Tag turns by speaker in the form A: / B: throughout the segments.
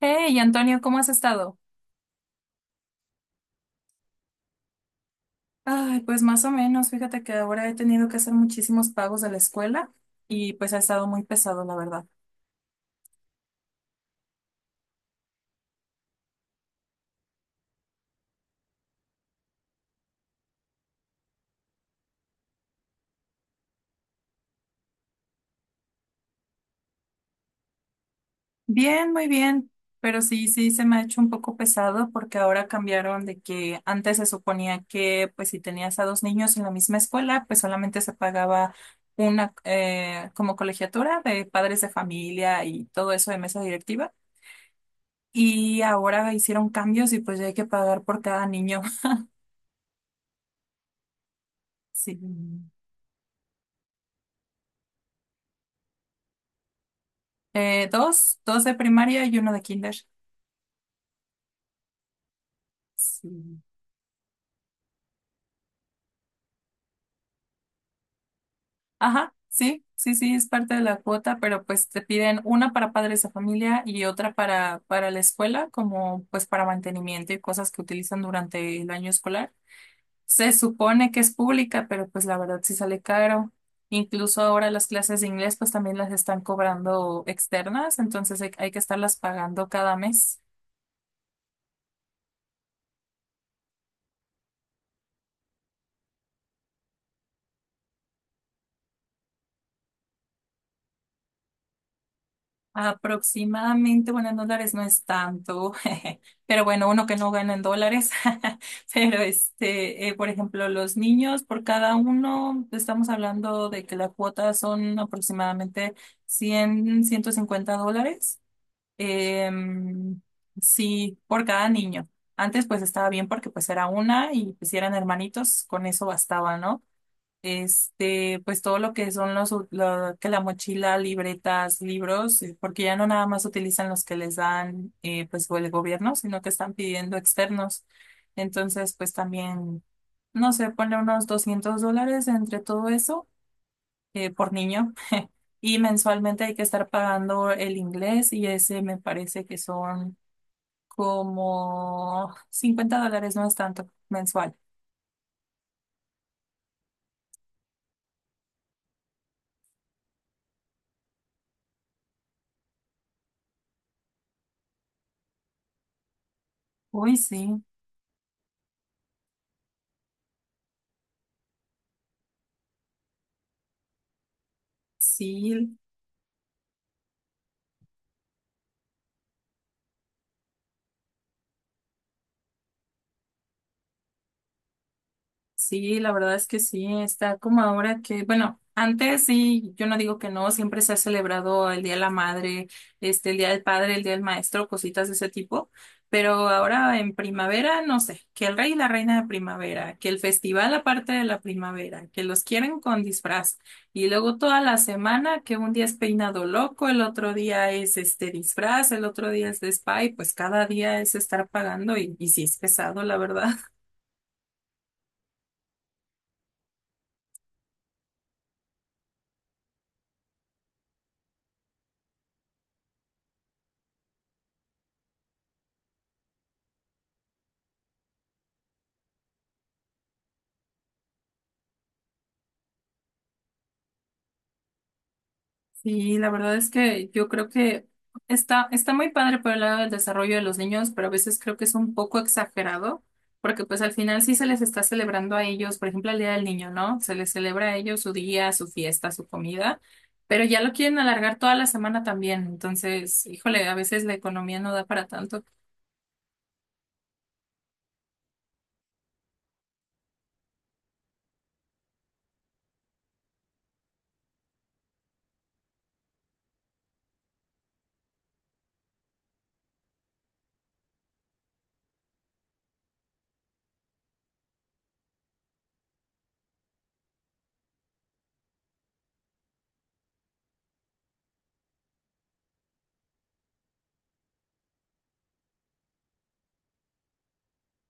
A: Hey, Antonio, ¿cómo has estado? Ay, pues más o menos, fíjate que ahora he tenido que hacer muchísimos pagos de la escuela y pues ha estado muy pesado, la verdad. Bien, muy bien, pero sí, sí, se me ha hecho un poco pesado porque ahora cambiaron de que antes se suponía que pues si tenías a dos niños en la misma escuela, pues solamente se pagaba una como colegiatura de padres de familia y todo eso de mesa directiva, y ahora hicieron cambios y pues ya hay que pagar por cada niño. Sí. Dos, dos de primaria y uno de kinder. Sí. Ajá, sí, sí, sí, es parte de la cuota, pero pues te piden una para padres de familia y otra para la escuela, como pues para mantenimiento y cosas que utilizan durante el año escolar. Se supone que es pública, pero pues la verdad sí sale caro. Incluso ahora las clases de inglés pues también las están cobrando externas, entonces hay que estarlas pagando cada mes. Aproximadamente, bueno, en dólares no es tanto, pero bueno, uno que no gana en dólares, pero por ejemplo, los niños, por cada uno, estamos hablando de que la cuota son aproximadamente $150, em, sí, por cada niño. Antes pues estaba bien porque pues era una y pues si eran hermanitos, con eso bastaba, ¿no? Pues todo lo que son que la mochila, libretas, libros, porque ya no nada más utilizan los que les dan, o el gobierno, sino que están pidiendo externos. Entonces, pues también, no sé, ponle unos $200 entre todo eso, por niño. Y mensualmente hay que estar pagando el inglés y ese me parece que son como $50, no es tanto, mensual. Uy, sí, sí. Sí, la verdad es que sí, está como ahora que, bueno, antes sí, yo no digo que no, siempre se ha celebrado el Día de la Madre, el Día del Padre, el Día del Maestro, cositas de ese tipo, pero ahora en primavera, no sé, que el rey y la reina de primavera, que el festival aparte de la primavera, que los quieren con disfraz, y luego toda la semana que un día es peinado loco, el otro día es este disfraz, el otro día es de spa, y pues cada día es estar pagando y sí es pesado, la verdad. Sí, la verdad es que yo creo que está muy padre por el lado del desarrollo de los niños, pero a veces creo que es un poco exagerado, porque pues al final sí se les está celebrando a ellos, por ejemplo, el Día del Niño, ¿no? Se les celebra a ellos su día, su fiesta, su comida, pero ya lo quieren alargar toda la semana también. Entonces, híjole, a veces la economía no da para tanto.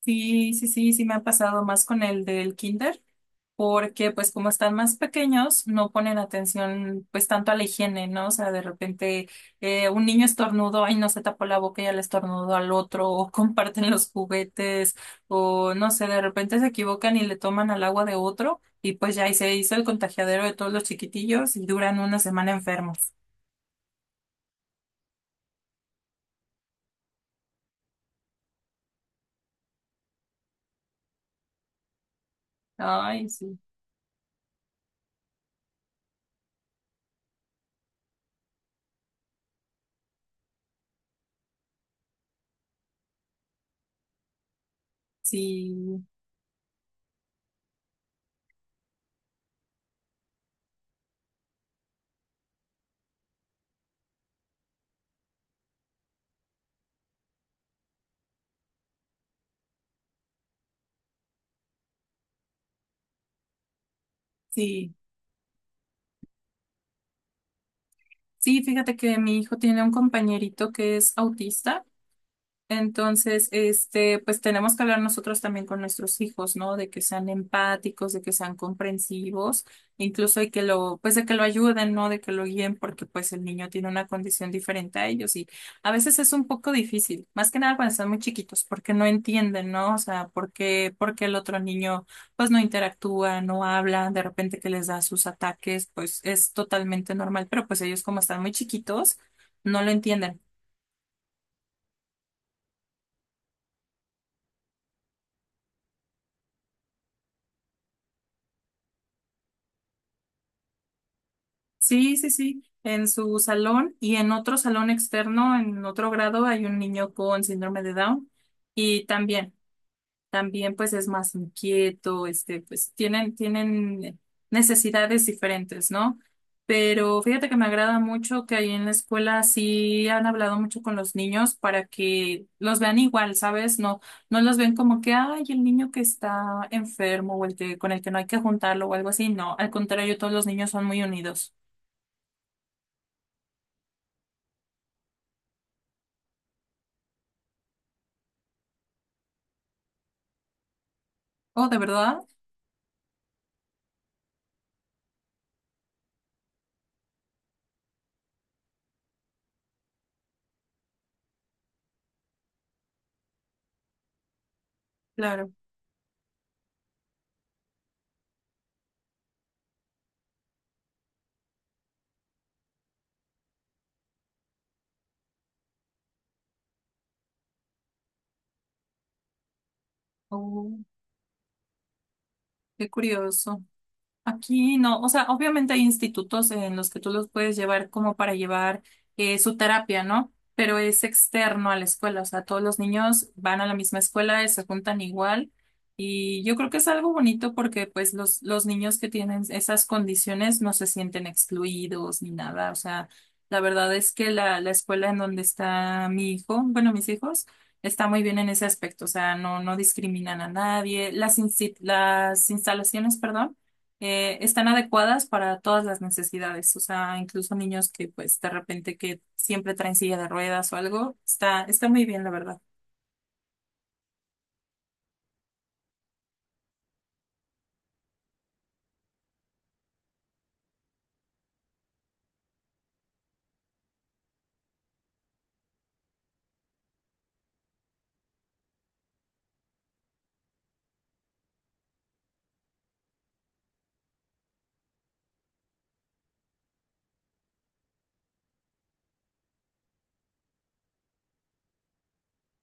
A: Sí, sí, sí, sí me ha pasado más con el del kinder, porque pues como están más pequeños, no ponen atención pues tanto a la higiene, ¿no? O sea, de repente un niño estornudó y no se tapó la boca y ya le estornudó al otro, o comparten los juguetes, o no sé, de repente se equivocan y le toman al agua de otro y pues ya ahí se hizo el contagiadero de todos los chiquitillos y duran una semana enfermos. Ay, sí, sí, sí. Sí, fíjate que mi hijo tiene un compañerito que es autista. Entonces, pues tenemos que hablar nosotros también con nuestros hijos, ¿no? De que sean empáticos, de que sean comprensivos, incluso de que lo, pues de que lo ayuden, ¿no? De que lo guíen, porque pues el niño tiene una condición diferente a ellos, y a veces es un poco difícil, más que nada cuando están muy chiquitos, porque no entienden, ¿no? O sea, porque el otro niño pues no interactúa, no habla, de repente que les da sus ataques, pues es totalmente normal, pero pues ellos como están muy chiquitos, no lo entienden. Sí, sí, sí, en su salón y en otro salón externo, en otro grado, hay un niño con síndrome de Down, y también, también pues es más inquieto, pues tienen necesidades diferentes, ¿no? Pero fíjate que me agrada mucho que ahí en la escuela sí han hablado mucho con los niños para que los vean igual, ¿sabes? No, no los ven como que, ay, el niño que está enfermo o el que, con el que no hay que juntarlo o algo así, no, al contrario, todos los niños son muy unidos. Oh, ¿de verdad? Claro. Oh, qué curioso. Aquí no, o sea, obviamente hay institutos en los que tú los puedes llevar como para llevar su terapia, ¿no? Pero es externo a la escuela, o sea, todos los niños van a la misma escuela y se juntan igual. Y yo creo que es algo bonito porque pues los niños que tienen esas condiciones no se sienten excluidos ni nada, o sea, la verdad es que la escuela en donde está mi hijo, bueno, mis hijos, está muy bien en ese aspecto, o sea, no, no discriminan a nadie, las instalaciones, perdón, están adecuadas para todas las necesidades, o sea, incluso niños que pues de repente que siempre traen silla de ruedas o algo, está muy bien, la verdad.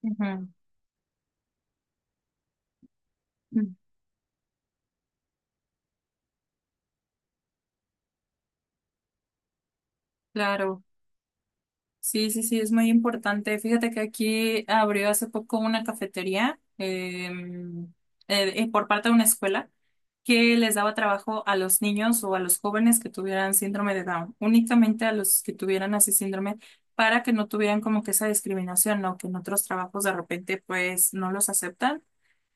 A: Ujú. Mm. Claro. Sí, sí, sí, es muy importante. Fíjate que aquí abrió hace poco una cafetería por parte de una escuela que les daba trabajo a los niños o a los jóvenes que tuvieran síndrome de Down, únicamente a los que tuvieran así síndrome para que no tuvieran como que esa discriminación, ¿no? Que en otros trabajos de repente pues no los aceptan,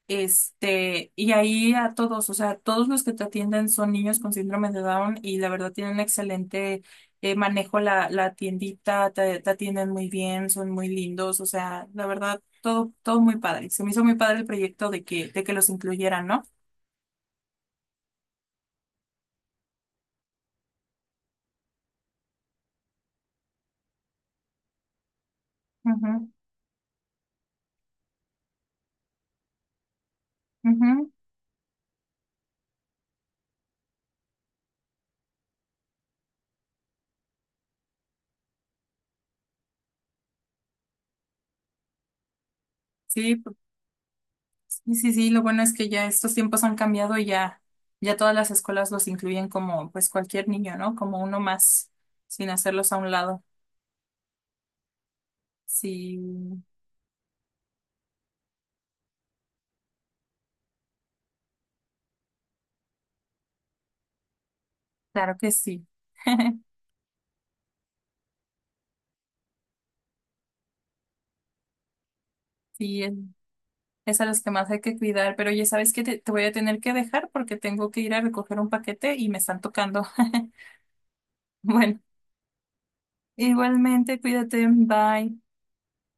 A: y ahí a todos, o sea, todos los que te atienden son niños con síndrome de Down y la verdad tienen excelente manejo la tiendita, te atienden muy bien, son muy lindos, o sea, la verdad, todo, todo muy padre. Se me hizo muy padre el proyecto de que los incluyeran, ¿no? Ujú, ujú. Sí, pues, sí, sí, sí, lo bueno es que ya estos tiempos han cambiado y ya, ya todas las escuelas los incluyen como pues cualquier niño, ¿no? Como uno más, sin hacerlos a un lado. Sí, claro que sí. Sí, es a los que más hay que cuidar, pero ya sabes que te voy a tener que dejar porque tengo que ir a recoger un paquete y me están tocando. Bueno, igualmente, cuídate, bye.